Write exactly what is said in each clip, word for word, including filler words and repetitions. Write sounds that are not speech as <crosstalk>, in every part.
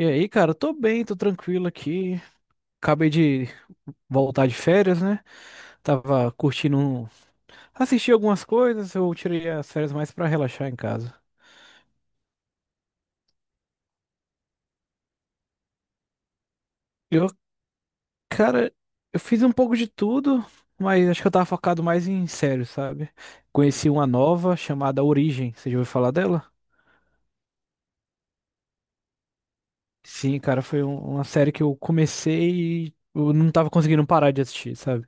E aí, cara, tô bem, tô tranquilo aqui. Acabei de voltar de férias, né? Tava curtindo, um- assisti algumas coisas, eu tirei as férias mais pra relaxar em casa. Eu, cara, eu fiz um pouco de tudo, mas acho que eu tava focado mais em séries, sabe? Conheci uma nova chamada Origem, você já ouviu falar dela? Sim, cara, foi um- uma série que eu comecei e eu não tava conseguindo parar de assistir, sabe?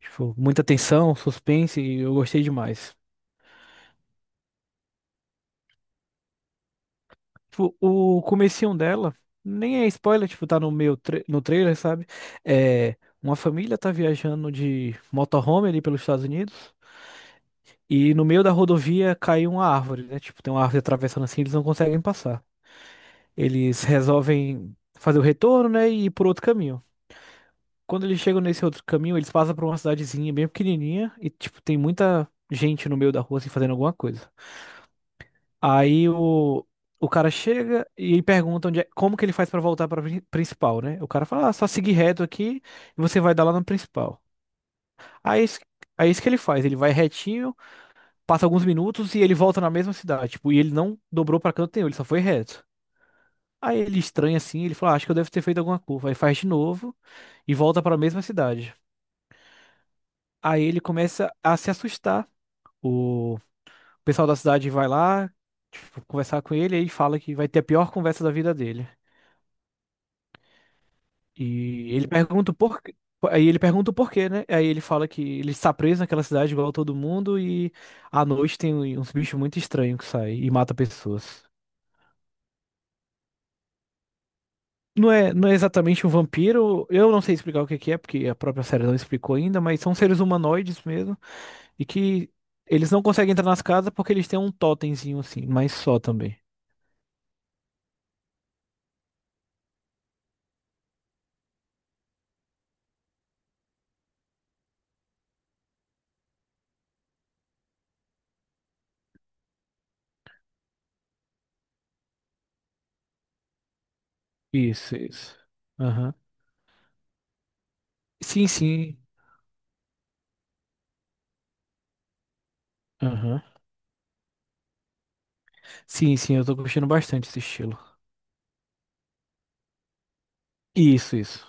Tipo, muita tensão, suspense e eu gostei demais. Tipo, o comecinho dela, nem é spoiler, tipo, tá no meu tra- no trailer, sabe? É, uma família tá viajando de motorhome ali pelos Estados Unidos e no meio da rodovia cai uma árvore, né? Tipo, tem uma árvore atravessando assim, eles não conseguem passar. Eles resolvem fazer o retorno, né, e ir por outro caminho. Quando eles chegam nesse outro caminho, eles passam por uma cidadezinha bem pequenininha e, tipo, tem muita gente no meio da rua, assim, fazendo alguma coisa. Aí o, o cara chega e pergunta onde é, como que ele faz pra voltar pra prin- principal, né? O cara fala, ah, só seguir reto aqui e você vai dar lá no principal. Aí é isso, aí é isso que ele faz, ele vai retinho, passa alguns minutos e ele volta na mesma cidade, tipo, e ele não dobrou pra canto nenhum, ele só foi reto. Aí ele estranha assim, ele fala, "Ah, acho que eu devo ter feito alguma curva." Aí faz de novo e volta pra mesma cidade. Aí ele começa a se assustar. O pessoal da cidade vai lá, tipo, conversar com ele e fala que vai ter a pior conversa da vida dele. E ele pergunta o porquê. Aí ele pergunta o porquê, né? Aí ele fala que ele está preso naquela cidade igual a todo mundo e à noite tem um, uns bichos muito estranhos que saem e mata pessoas. Não é, não é exatamente um vampiro, eu não sei explicar o que que é, porque a própria série não explicou ainda, mas são seres humanoides mesmo e que eles não conseguem entrar nas casas porque eles têm um totemzinho assim, mas só também. Isso, isso. Aham. Sim, sim. Aham. Sim, sim, eu tô curtindo bastante esse estilo. Isso, isso.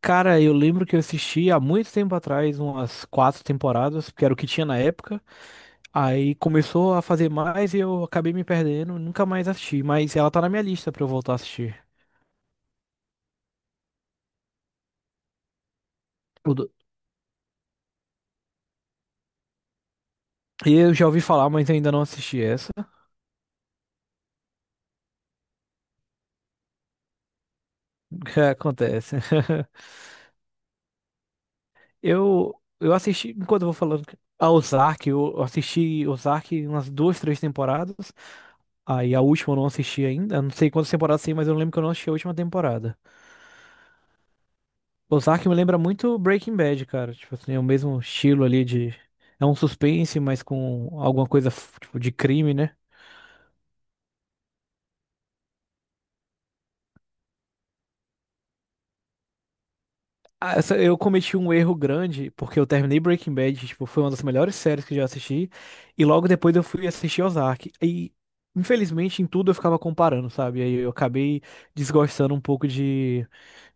Cara, eu lembro que eu assisti há muito tempo atrás, umas quatro temporadas, porque era o que tinha na época. Aí começou a fazer mais e eu acabei me perdendo, nunca mais assisti. Mas ela tá na minha lista pra eu voltar a assistir. O do- E eu já ouvi falar, mas ainda não assisti essa. <laughs> Acontece. <laughs> Eu, eu assisti, enquanto eu vou falando, a Ozark, eu assisti Ozark umas duas, três temporadas. Aí a última eu não assisti ainda. Eu não sei quantas temporadas tem, mas eu lembro que eu não assisti a última temporada. Ozark me lembra muito Breaking Bad, cara. Tipo assim, é o mesmo estilo ali de. É um suspense, mas com alguma coisa, f- tipo, de crime, né? Ah, essa- eu cometi um erro grande, porque eu terminei Breaking Bad, tipo, foi uma das melhores séries que eu já assisti. E logo depois eu fui assistir Ozark. E, infelizmente, em tudo eu ficava comparando, sabe? Aí eu acabei desgostando um pouco de,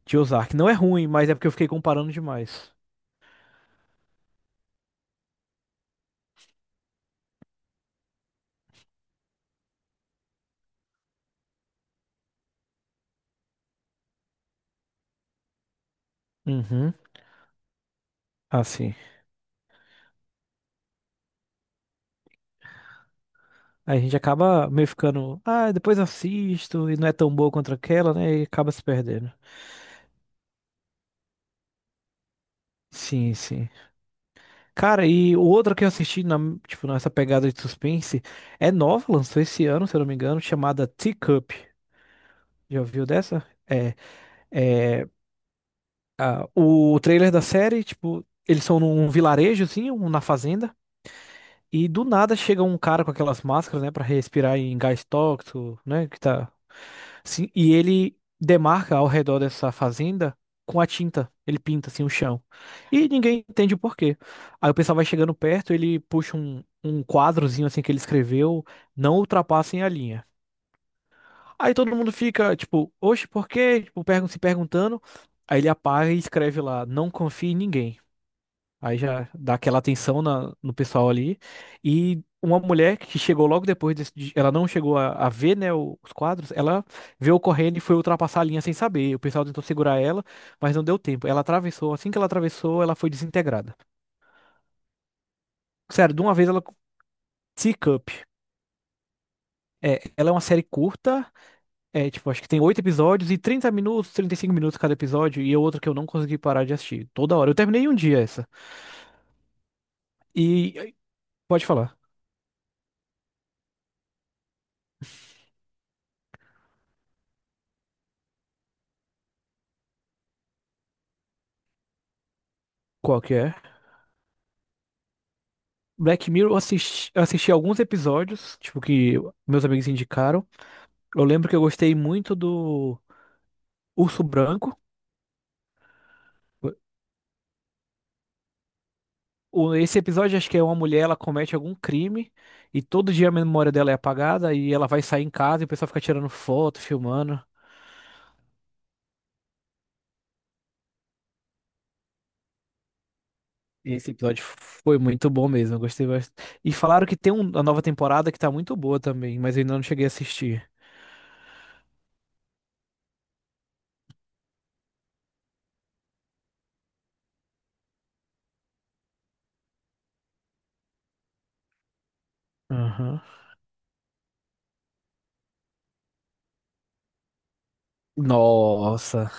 de Ozark. Não é ruim, mas é porque eu fiquei comparando demais. Uhum. Assim. A gente acaba meio ficando, ah, depois assisto, e não é tão boa quanto aquela, né? E acaba se perdendo. Sim, sim. Cara, e o outro que eu assisti, na, tipo, nessa pegada de suspense, é nova, lançou esse ano, se eu não me engano, chamada Teacup. Já ouviu dessa? É, é, ah, o trailer da série, tipo, eles são num vilarejo, assim, um- na fazenda. E do nada chega um cara com aquelas máscaras, né, pra respirar em gás tóxico, né, que tá assim, e ele demarca ao redor dessa fazenda com a tinta, ele pinta assim o chão. E ninguém entende o porquê. Aí o pessoal vai chegando perto, ele puxa um, um quadrozinho assim que ele escreveu, não ultrapassem a linha. Aí todo mundo fica tipo, oxe, por quê? Tipo, pergun- se perguntando. Aí ele apaga e escreve lá, não confie em ninguém. Aí já dá aquela atenção na- no pessoal ali. E uma mulher que chegou logo depois, desse, de- ela não chegou a, a ver, né, o- os quadros, ela veio correndo e foi ultrapassar a linha sem saber. O pessoal tentou segurar ela, mas não deu tempo. Ela atravessou, assim que ela atravessou, ela foi desintegrada. Sério, de uma vez ela. Teacup. É, ela é uma série curta, é, tipo, acho que tem oito episódios e trinta minutos, trinta e cinco minutos cada episódio, e é outra que eu não consegui parar de assistir. Toda hora. Eu terminei em um dia essa. E. Pode falar. Qual que é? Black Mirror, eu assisti, eu assisti alguns episódios, tipo, que meus amigos indicaram. Eu lembro que eu gostei muito do Urso Branco. O- Esse episódio, acho que é uma mulher, ela comete algum crime e todo dia a memória dela é apagada e ela vai sair em casa e o pessoal fica tirando foto, filmando. E Esse episódio foi muito bom mesmo, eu gostei bastante. E falaram que tem um- uma nova temporada que tá muito boa também, mas eu ainda não cheguei a assistir. Aham. Nossa.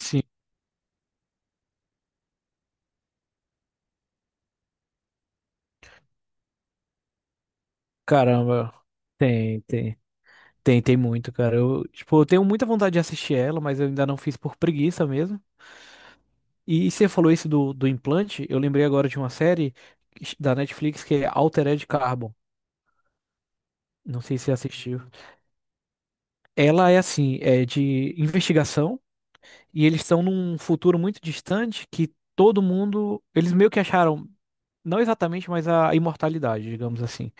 Sim, caramba. Tem, tem. Tem, tem muito, cara. Eu, tipo, eu tenho muita vontade de assistir ela, mas eu ainda não fiz por preguiça mesmo. E, e você falou isso do, do implante, eu lembrei agora de uma série da Netflix que é Altered Carbon. Não sei se você assistiu. Ela é assim, é de investigação, e eles estão num futuro muito distante que todo mundo. Eles meio que acharam, não exatamente, mas a imortalidade, digamos assim.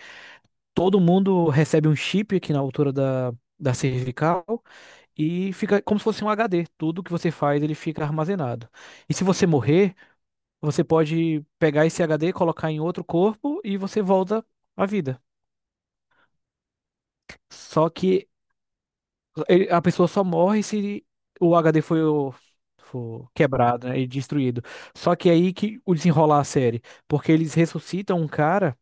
Todo mundo recebe um chip aqui na altura da, da cervical. E fica como se fosse um H D. Tudo que você faz, ele fica armazenado. E se você morrer, você pode pegar esse H D, colocar em outro corpo e você volta à vida. Só que ele- a pessoa só morre se o H D foi, o- for quebrado, né, e destruído. Só que é aí que o desenrolar a série, porque eles ressuscitam um cara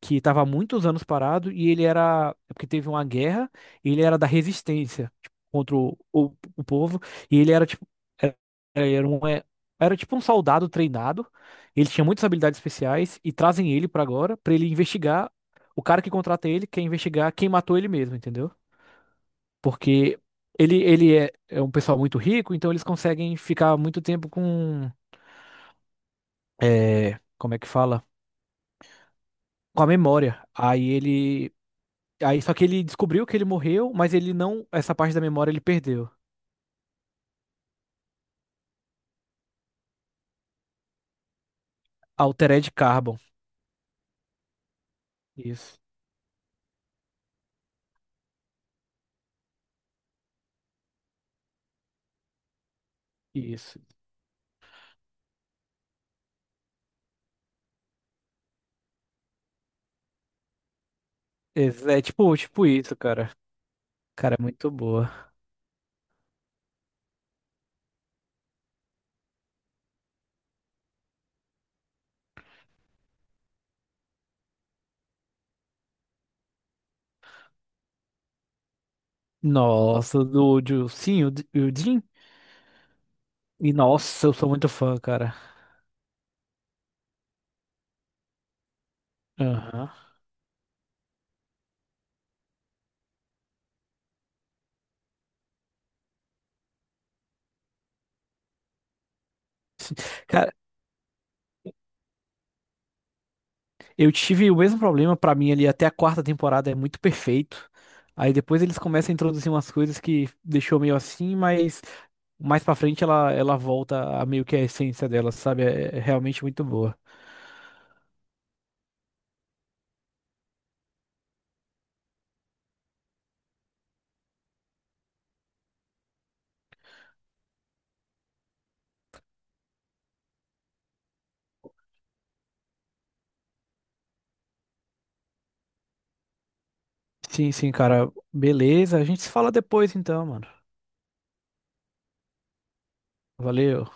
que estava há muitos anos parado e ele era, é porque teve uma guerra, e ele era da resistência, tipo, contra o, o, o povo, e ele era tipo, era, era um, é, era tipo um soldado treinado, ele tinha muitas habilidades especiais e trazem ele pra agora pra ele investigar, o cara que contrata ele quer investigar quem matou ele mesmo, entendeu? Porque ele, ele é, é um pessoal muito rico, então eles conseguem ficar muito tempo com, é, como é que fala? Com a memória. Aí ele Aí só que ele descobriu que ele morreu, mas ele não. Essa parte da memória ele perdeu. Altered Carbon. Isso, isso. Ex- É tipo, tipo isso, cara. Cara, é muito boa. Nossa, do, do sim, o, D- o Jim. E nossa, eu sou muito fã, cara. Aham. Sim. Cara, eu tive o mesmo problema pra mim ali até a quarta temporada, é muito perfeito. Aí depois eles começam a introduzir umas coisas que deixou meio assim, mas mais pra frente ela, ela volta a meio que a essência dela, sabe? É é realmente muito boa. Sim, sim, cara. Beleza. A gente se fala depois então, mano. Valeu.